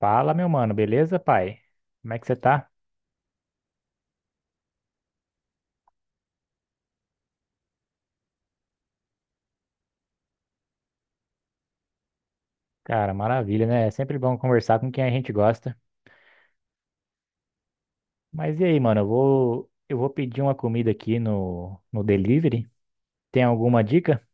Fala, meu mano, beleza, pai? Como é que você tá? Cara, maravilha, né? É sempre bom conversar com quem a gente gosta. Mas e aí, mano, eu vou pedir uma comida aqui no delivery. Tem alguma dica?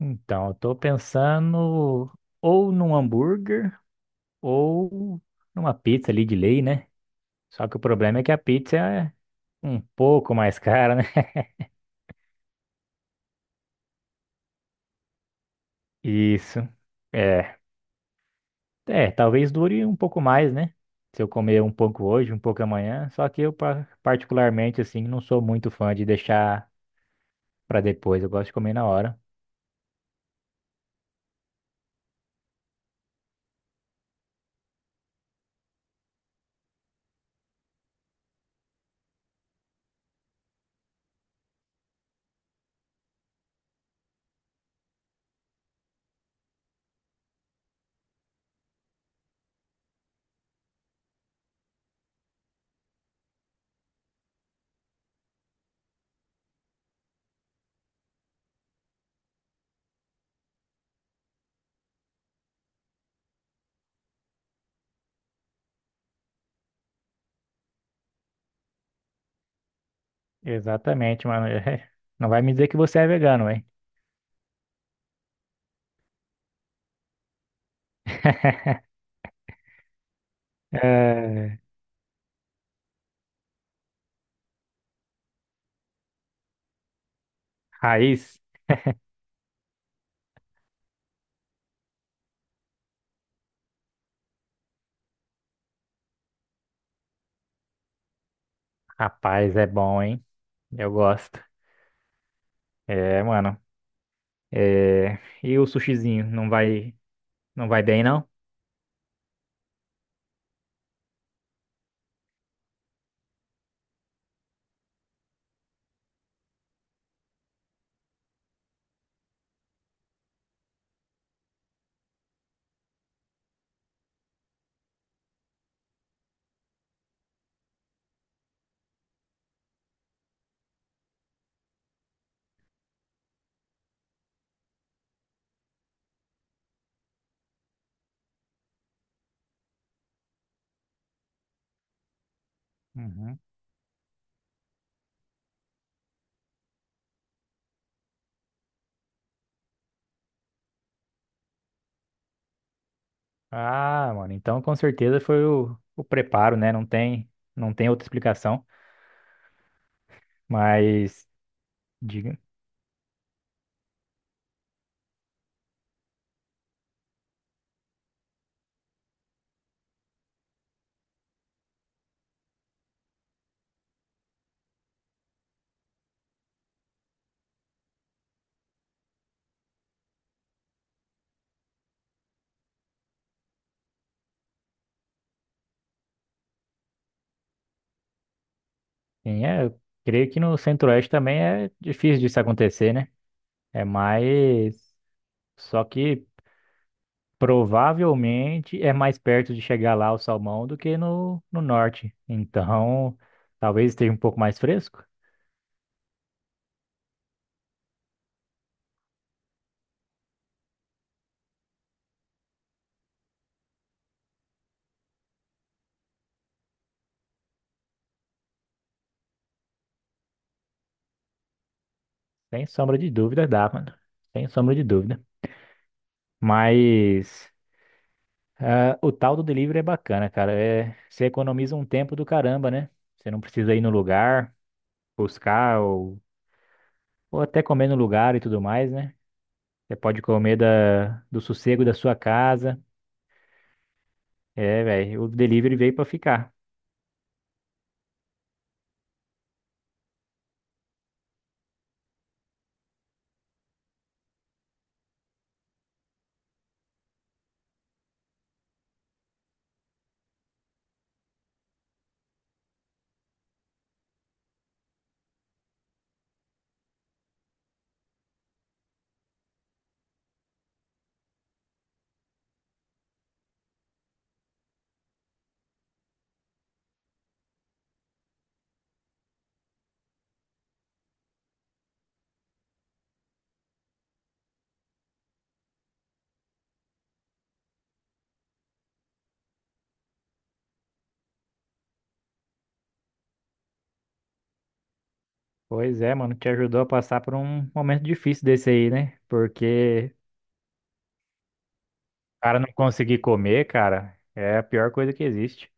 Então, eu tô pensando ou num hambúrguer ou numa pizza ali de lei, né? Só que o problema é que a pizza é um pouco mais cara, né? Isso. É. É, talvez dure um pouco mais, né? Se eu comer um pouco hoje, um pouco amanhã. Só que eu, particularmente, assim, não sou muito fã de deixar pra depois. Eu gosto de comer na hora. Exatamente, mano. Não vai me dizer que você é vegano, hein? É, raiz, rapaz, é bom, hein? Eu gosto. É, mano. É, e o sushizinho, não vai bem, não? Uhum. Ah, mano, então com certeza foi o preparo, né? Não tem outra explicação. Mas, diga, quem é? Eu creio que no Centro-Oeste também é difícil disso acontecer, né? É mais. Só que provavelmente é mais perto de chegar lá o salmão do que no Norte. Então, talvez esteja um pouco mais fresco. Sem sombra de dúvida, dá, mano. Sem sombra de dúvida. Mas, ah, o tal do delivery é bacana, cara. É, você economiza um tempo do caramba, né? Você não precisa ir no lugar, buscar ou até comer no lugar e tudo mais, né? Você pode comer da, do sossego da sua casa. É, velho, o delivery veio pra ficar. Pois é, mano, te ajudou a passar por um momento difícil desse aí, né? Porque o cara não conseguir comer, cara, é a pior coisa que existe.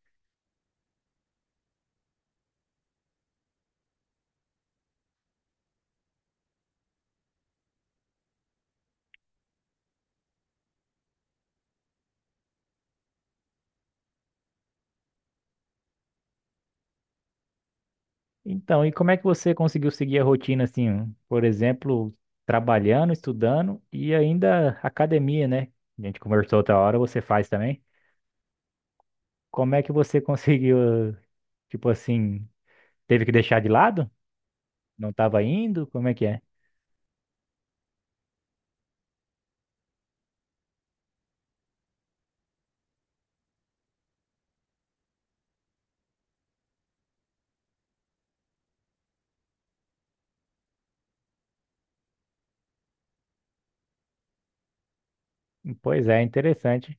Então, e como é que você conseguiu seguir a rotina assim, um, por exemplo, trabalhando, estudando e ainda academia, né? A gente conversou outra hora, você faz também. Como é que você conseguiu, tipo assim, teve que deixar de lado? Não estava indo? Como é que é? Pois é, interessante.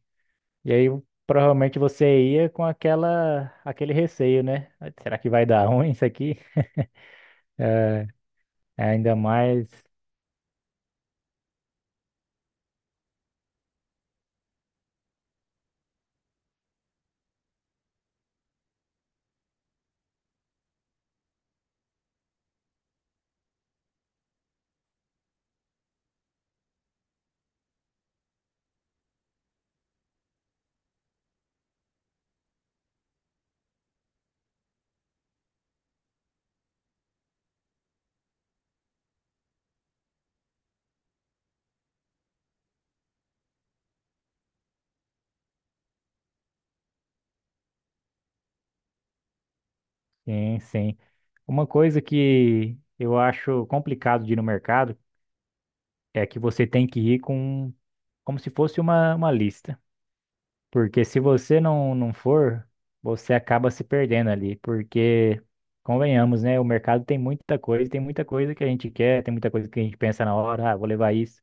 E aí provavelmente você ia com aquela aquele receio, né? Será que vai dar ruim isso aqui? É, ainda mais, sim, sim. Uma coisa que eu acho complicado de ir no mercado é que você tem que ir com como se fosse uma lista. Porque se você não for, você acaba se perdendo ali. Porque, convenhamos, né? O mercado tem muita coisa que a gente quer, tem muita coisa que a gente pensa na hora, ah, vou levar isso.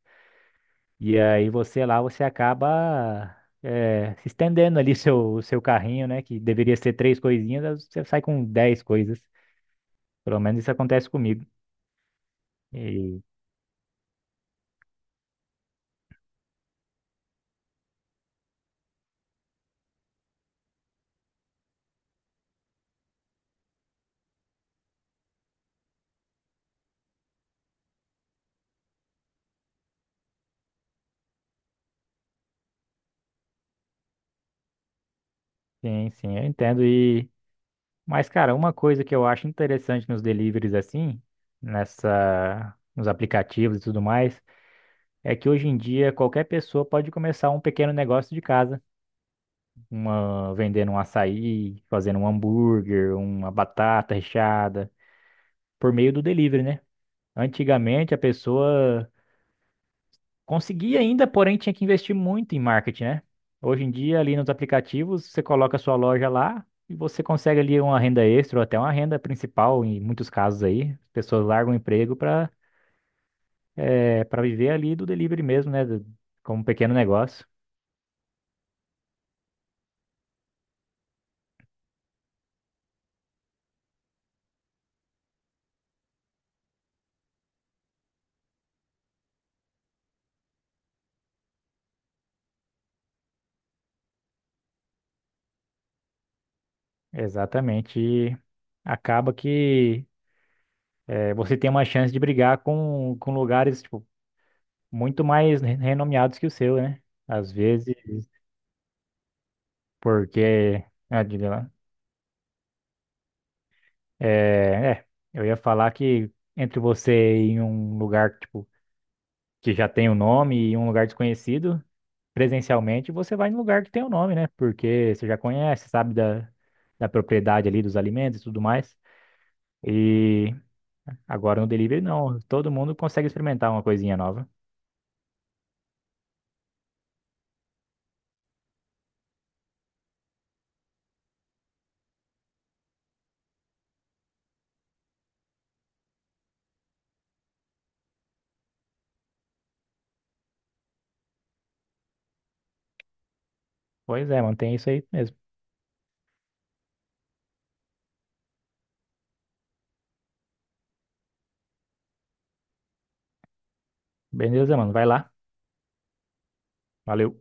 E aí você lá, você acaba se estendendo ali seu carrinho, né? Que deveria ser três coisinhas, você sai com dez coisas. Pelo menos isso acontece comigo. E, sim, sim, eu entendo. E mas, cara, uma coisa que eu acho interessante nos deliveries assim, nessa, nos aplicativos e tudo mais, é que hoje em dia qualquer pessoa pode começar um pequeno negócio de casa. Uma, vendendo um açaí, fazendo um hambúrguer, uma batata recheada, por meio do delivery, né? Antigamente a pessoa conseguia ainda, porém tinha que investir muito em marketing, né? Hoje em dia, ali nos aplicativos, você coloca a sua loja lá e você consegue ali uma renda extra ou até uma renda principal, em muitos casos aí. As pessoas largam o emprego para viver ali do delivery mesmo, né? Como um pequeno negócio. Exatamente. E acaba que você tem uma chance de brigar com lugares tipo, muito mais renomeados que o seu, né? Às vezes, porque. Ah, diga lá. É, eu ia falar que entre você ir em um lugar tipo, que já tem o nome e um lugar desconhecido, presencialmente você vai em um lugar que tem o nome, né? Porque você já conhece, sabe da, da propriedade ali dos alimentos e tudo mais. E agora no delivery não, todo mundo consegue experimentar uma coisinha nova. Pois é, mano, tem isso aí mesmo. Beleza, mano, vai lá. Valeu.